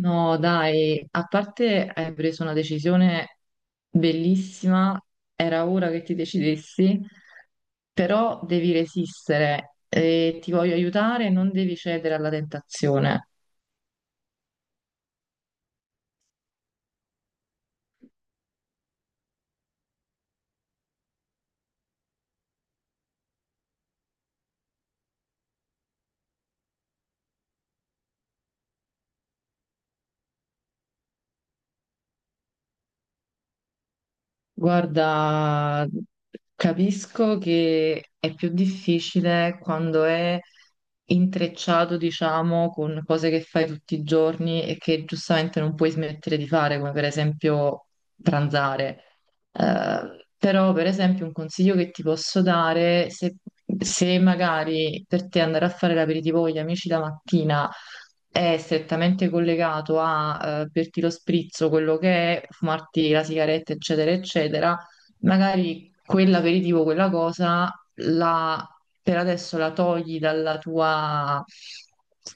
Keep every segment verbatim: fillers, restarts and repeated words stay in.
No, dai, a parte hai preso una decisione bellissima, era ora che ti decidessi, però devi resistere e ti voglio aiutare, non devi cedere alla tentazione. Guarda, capisco che è più difficile quando è intrecciato, diciamo, con cose che fai tutti i giorni e che giustamente non puoi smettere di fare, come per esempio pranzare. Eh, però, per esempio, un consiglio che ti posso dare, se, se magari per te andare a fare l'aperitivo con gli amici la mattina è strettamente collegato a eh, berti lo sprizzo, quello che è, fumarti la sigaretta, eccetera, eccetera, magari quell'aperitivo, quella cosa, la- per adesso la togli dalla tua,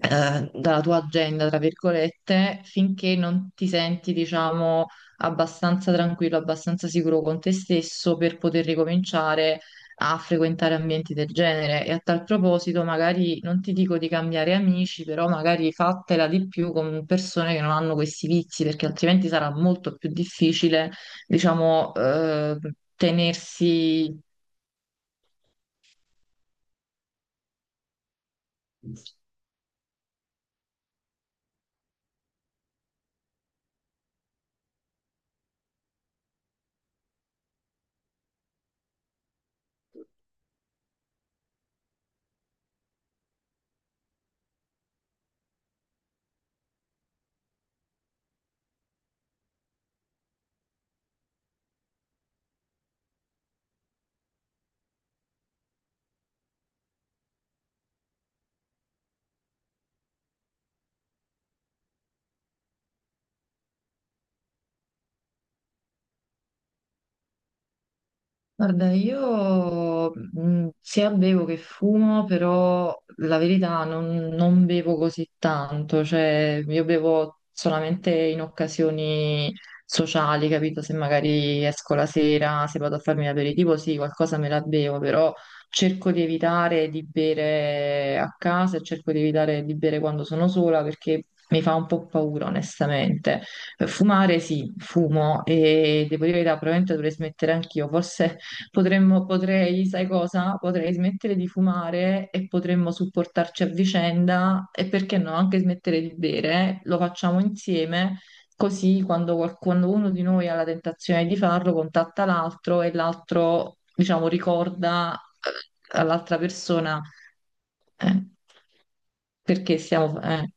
eh, dalla tua agenda, tra virgolette, finché non ti senti, diciamo, abbastanza tranquillo, abbastanza sicuro con te stesso per poter ricominciare a frequentare ambienti del genere. E a tal proposito, magari non ti dico di cambiare amici, però magari fatela di più con persone che non hanno questi vizi, perché altrimenti sarà molto più difficile, diciamo, eh, tenersi. Guarda, io mh, sia bevo che fumo, però la verità non, non bevo così tanto, cioè io bevo solamente in occasioni sociali, capito? Se magari esco la sera, se vado a farmi l'aperitivo, sì, qualcosa me la bevo, però cerco di evitare di bere a casa e cerco di evitare di bere quando sono sola perché mi fa un po' paura, onestamente. Fumare sì, fumo e devo dire la verità, probabilmente dovrei smettere anch'io, forse. Potremmo, potrei, sai cosa? Potrei smettere di fumare e potremmo supportarci a vicenda e perché no, anche smettere di bere. Lo facciamo insieme, così quando, qual- quando uno di noi ha la tentazione di farlo, contatta l'altro e l'altro, diciamo, ricorda eh, all'altra persona, eh, perché stiamo... eh.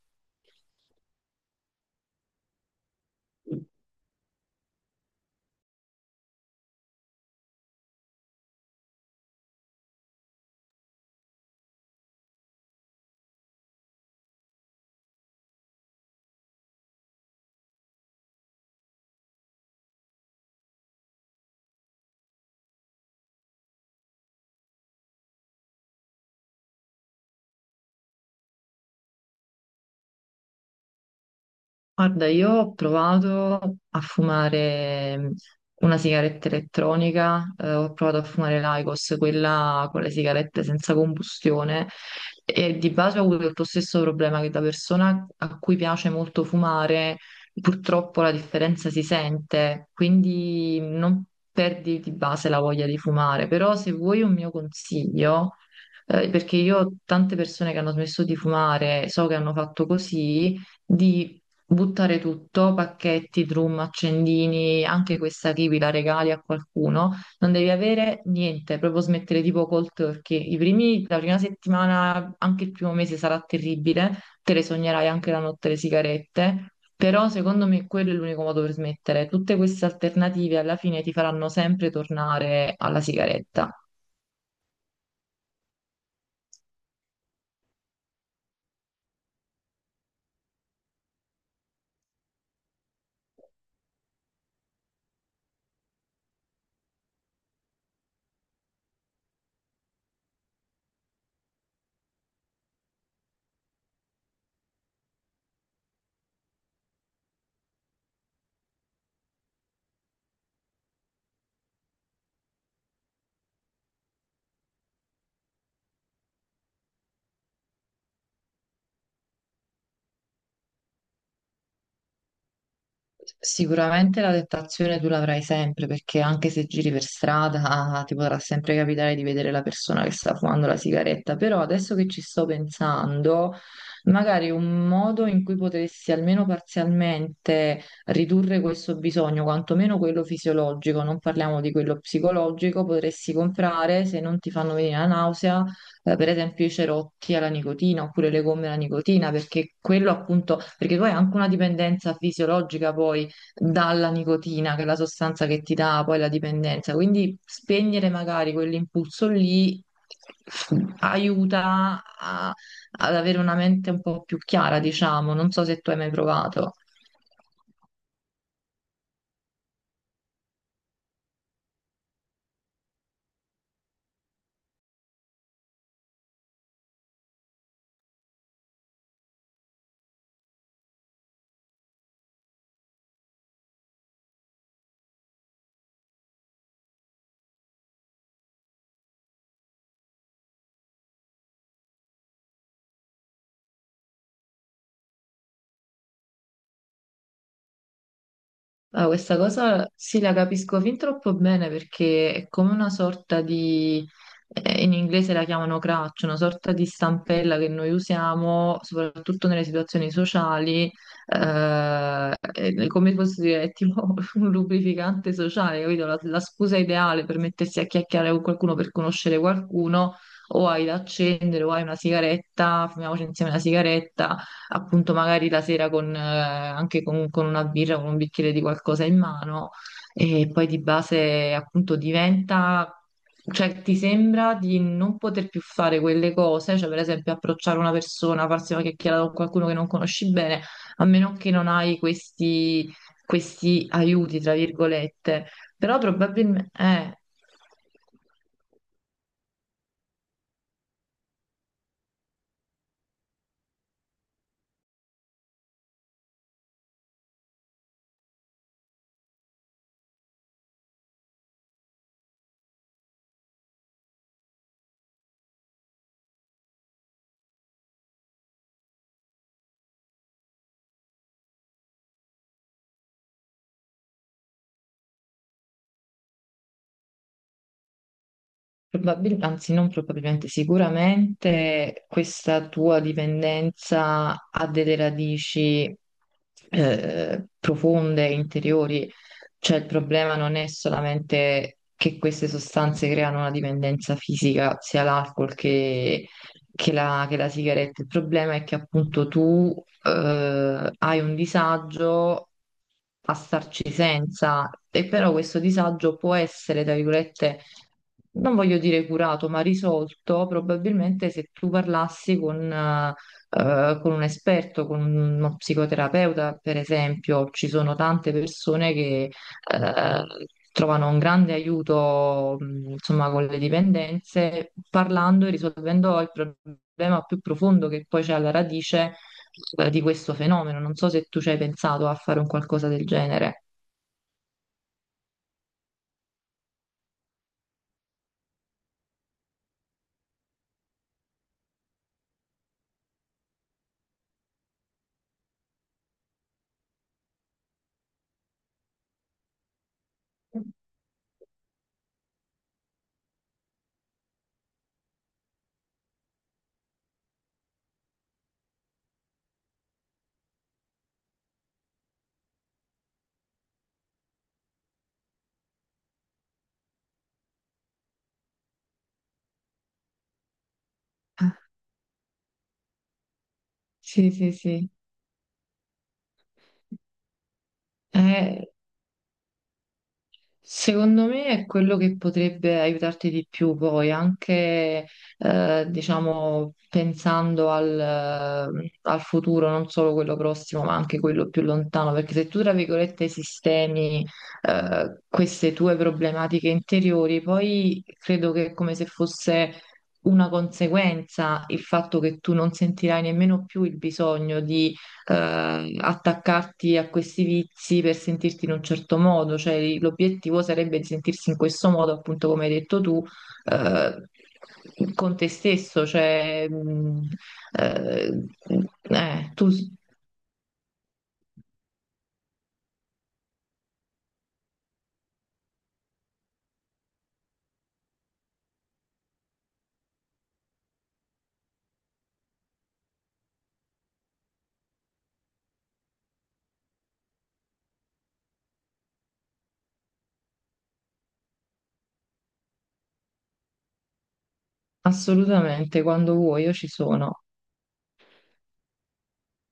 Guarda, io ho provato a fumare mm, una sigaretta elettronica, eh, ho provato a fumare l'Aicos, quella con le sigarette senza combustione, e di base ho avuto lo stesso problema che da persona a cui piace molto fumare, purtroppo la differenza si sente, quindi non perdi di base la voglia di fumare. Però se vuoi un mio consiglio, eh, perché io ho tante persone che hanno smesso di fumare, so che hanno fatto così, di buttare tutto, pacchetti, drum, accendini, anche questa kiwi la regali a qualcuno, non devi avere niente, proprio smettere tipo cold turkey. I primi, la prima settimana, anche il primo mese sarà terribile, te le sognerai anche la notte le sigarette, però secondo me quello è l'unico modo per smettere. Tutte queste alternative alla fine ti faranno sempre tornare alla sigaretta. Sicuramente la tentazione tu l'avrai sempre perché anche se giri per strada ah, ti potrà sempre capitare di vedere la persona che sta fumando la sigaretta, però adesso che ci sto pensando, magari un modo in cui potessi almeno parzialmente ridurre questo bisogno, quantomeno quello fisiologico, non parliamo di quello psicologico, potresti comprare se non ti fanno venire la nausea eh, per esempio i cerotti alla nicotina oppure le gomme alla nicotina, perché quello appunto, perché tu hai anche una dipendenza fisiologica poi dalla nicotina, che è la sostanza che ti dà poi la dipendenza, quindi spegnere magari quell'impulso lì aiuta a- ad avere una mente un po' più chiara, diciamo, non so se tu hai mai provato. Ah, questa cosa sì, la capisco fin troppo bene perché è come una sorta di, eh, in inglese la chiamano crutch, una sorta di stampella che noi usiamo soprattutto nelle situazioni sociali, eh, è come posso dire, è tipo un lubrificante sociale, capito? La, la scusa ideale per mettersi a chiacchierare con qualcuno, per conoscere qualcuno, o hai da accendere, o hai una sigaretta, fumiamoci insieme una sigaretta, appunto magari la sera con, eh, anche con, con una birra, con un bicchiere di qualcosa in mano, e poi di base appunto diventa... Cioè, ti sembra di non poter più fare quelle cose, cioè per esempio approcciare una persona, farsi una chiacchierata con qualcuno che non conosci bene, a meno che non hai questi, questi aiuti, tra virgolette. Però probabilmente, Probabilmente, anzi non probabilmente, sicuramente questa tua dipendenza ha delle radici eh, profonde, interiori, cioè il problema non è solamente che queste sostanze creano una dipendenza fisica, sia l'alcol che, che la, che la sigaretta, il problema è che appunto tu eh, hai un disagio a starci senza, e però questo disagio può essere, tra virgolette, non voglio dire curato, ma risolto, probabilmente se tu parlassi con, eh, eh, con un esperto, con uno psicoterapeuta, per esempio. Ci sono tante persone che eh, trovano un grande aiuto, mh, insomma, con le dipendenze, parlando e risolvendo il problema più profondo che poi c'è alla radice eh, di questo fenomeno. Non so se tu ci hai pensato a fare un qualcosa del genere. Sì, sì, sì. Eh, Secondo me è quello che potrebbe aiutarti di più poi, anche eh, diciamo pensando al, eh, al futuro, non solo quello prossimo, ma anche quello più lontano, perché se tu, tra virgolette, sistemi eh, queste tue problematiche interiori, poi credo che è come se fosse una conseguenza il fatto che tu non sentirai nemmeno più il bisogno di eh, attaccarti a questi vizi per sentirti in un certo modo, cioè l'obiettivo sarebbe di sentirsi in questo modo, appunto come hai detto tu, eh, con te stesso, cioè mh, eh, eh, tu s- assolutamente quando vuoi io ci sono.